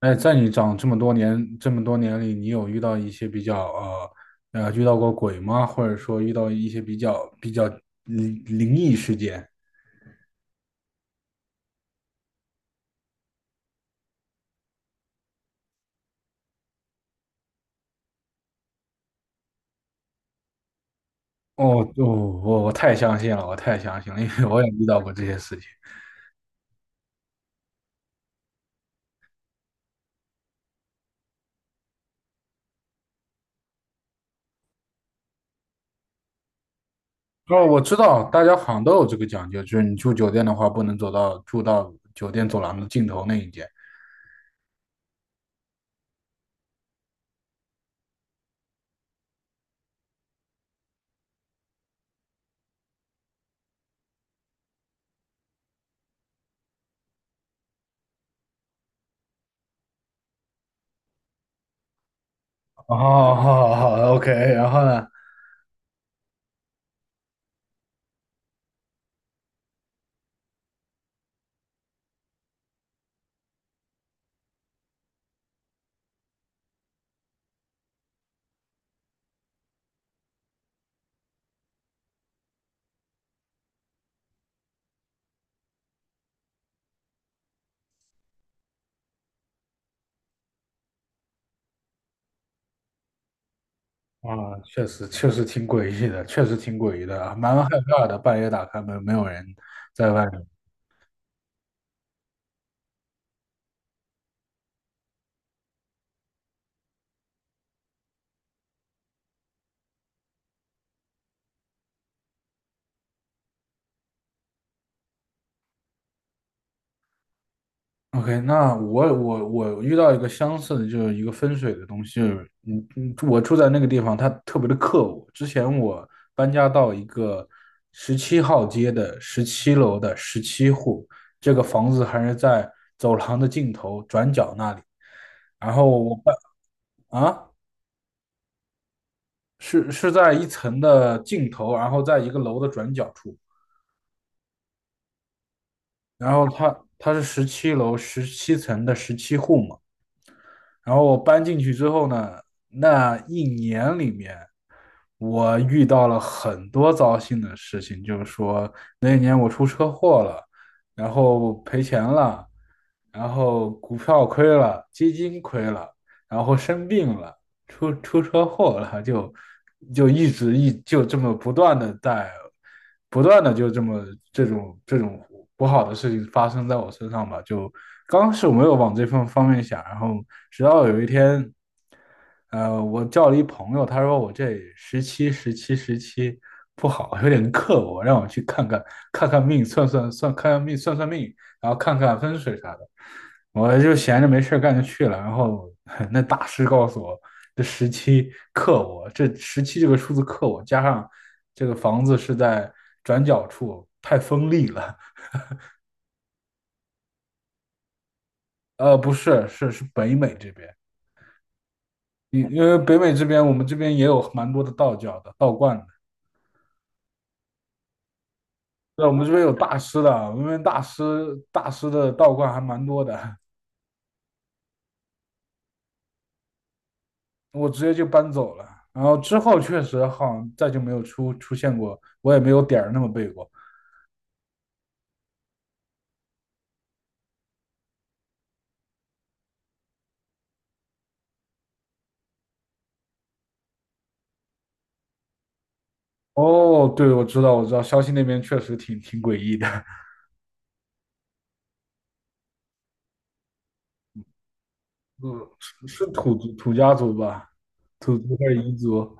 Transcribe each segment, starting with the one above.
哎，在你长这么多年里，你有遇到一些遇到过鬼吗？或者说遇到一些比较灵异事件？哦，哦，我太相信了，我太相信了，因为我也遇到过这些事情。哦，我知道，大家好像都有这个讲究，就是你住酒店的话，不能走到住到酒店走廊的尽头那一间。哦，好好，OK，然后呢？啊，确实挺诡异的，确实挺诡异的，蛮害怕的。半夜打开门，没有人在外面。OK，那我遇到一个相似的，就是一个分水的东西，就是我住在那个地方，它特别的克我。之前我搬家到一个17号街的十七楼的十七户，这个房子还是在走廊的尽头转角那里。然后我搬啊，是在一层的尽头，然后在一个楼的转角处。然后它是十七楼17层的十七户嘛。然后我搬进去之后呢，那一年里面，我遇到了很多糟心的事情，就是说那一年我出车祸了，然后赔钱了，然后股票亏了，基金亏了，然后生病了，出车祸了，就一直就这么不断的在不断的就这么这种不好的事情发生在我身上吧。就刚开始我没有往这份方面想，然后直到有一天，我叫了一朋友，他说我这十七不好，有点克我，让我去看看，看看命，算算，看看命，算算命，然后看看风水啥的。我就闲着没事干就去了，然后 那大师告诉我，这17克我，这十七这个数字克我，加上这个房子是在转角处，太锋利了。不是，是北美这边，因为北美这边我们这边也有蛮多的道教的道观的，对，我们这边有大师的，我们这边大师的道观还蛮多的，我直接就搬走了。然后之后确实好像再就没有出现过，我也没有点儿那么背过。哦，对，我知道，我知道，消息那边确实挺诡异的。嗯，是土家族吧？土族还是彝族？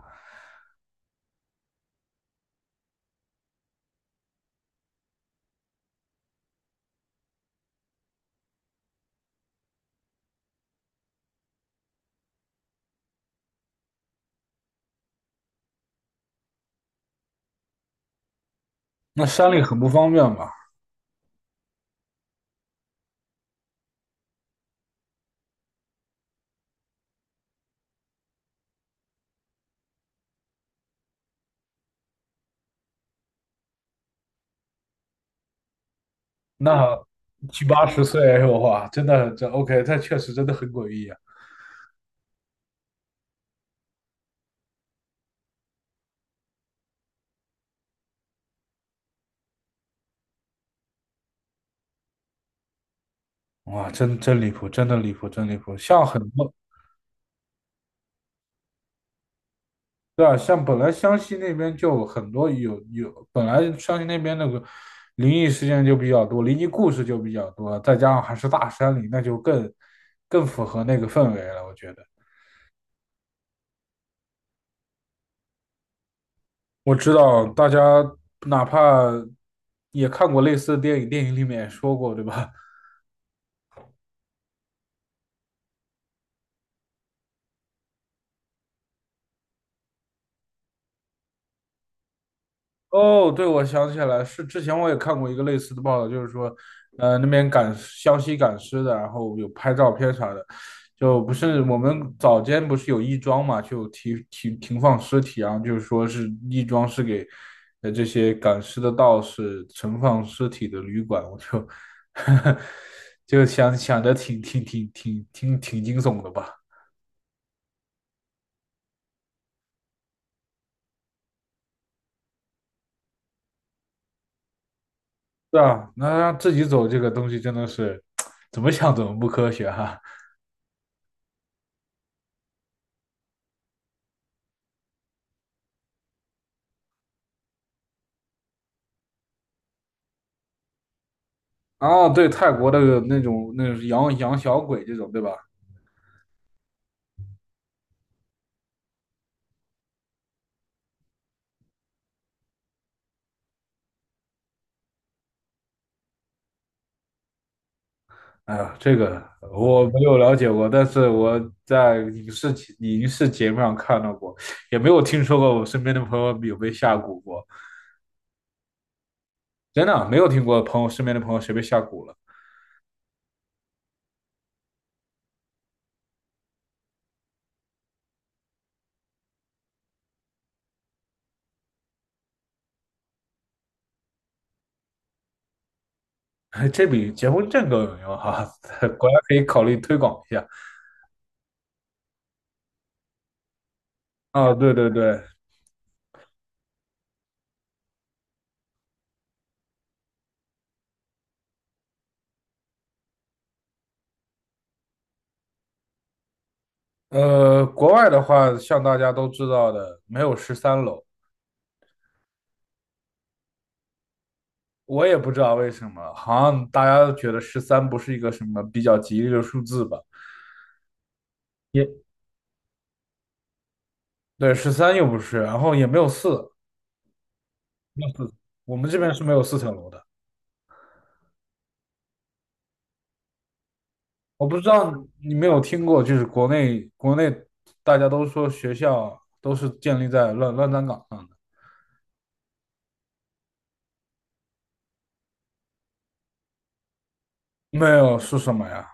那山里很不方便吧？那七八十岁，哇，真的，OK，这确实真的很诡异啊！哇，真离谱，真的离谱，真离谱。像很多对啊，像本来湘西那边就很多有有，本来湘西那边那个灵异事件就比较多，灵异故事就比较多，再加上还是大山里，那就更符合那个氛围了，我觉得。我知道，大家哪怕也看过类似的电影，电影里面也说过，对吧？哦，对，我想起来，是之前我也看过一个类似的报道，就是说，那边湘西赶尸的，然后有拍照片啥的，就不是我们早间不是有亦庄嘛，就停放尸体啊，然后就是说是亦庄是给这些赶尸的道士存放尸体的旅馆，我就 就想想的挺惊悚的吧。对啊，那让自己走这个东西真的是 怎么想怎么不科学哈、啊。对，泰国的那种养小鬼这种，对吧？哎呀，这个我没有了解过，但是我在影视节目上看到过，也没有听说过我身边的朋友有被下蛊过，真的啊，没有听过朋友，身边的朋友谁被下蛊了。这比结婚证更有用哈、果然可以考虑推广一下。啊，对对对，国外的话，像大家都知道的，没有13楼。我也不知道为什么，好像大家都觉得十三不是一个什么比较吉利的数字吧？也对，十三又不是，然后也没有四，没有四，我们这边是没有四层楼的。我不知道你没有听过，就是国内大家都说学校都是建立在乱葬岗上的，没有。是什么呀？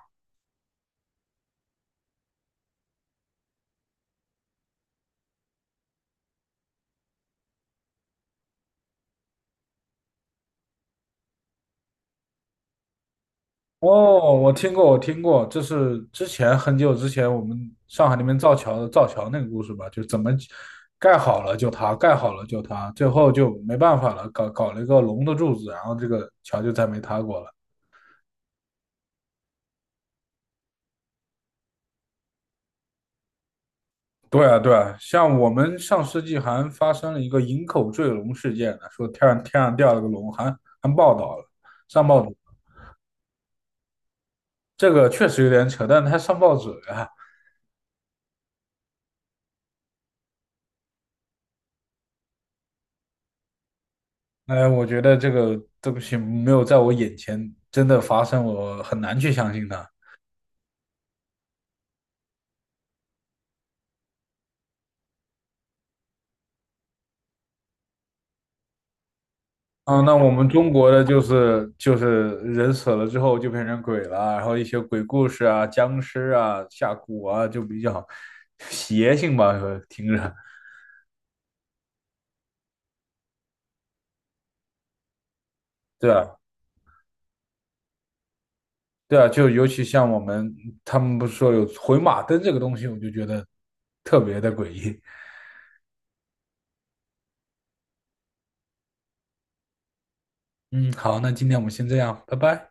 哦，我听过，我听过，这是之前很久之前我们上海那边造桥那个故事吧？就怎么盖好了就塌，盖好了就塌，最后就没办法了，搞了一个龙的柱子，然后这个桥就再没塌过了。对啊，对啊，像我们上世纪还发生了一个营口坠龙事件呢，说天上掉了个龙，还报道了，上报纸，这个确实有点扯，但是他上报纸了。我觉得这个东西没有在我眼前真的发生，我很难去相信它。啊，那我们中国的就是人死了之后就变成鬼了，然后一些鬼故事啊、僵尸啊、下蛊啊，就比较邪性吧，听着。对啊，对啊，就尤其像他们不是说有回马灯这个东西，我就觉得特别的诡异。嗯，好，那今天我们先这样，拜拜。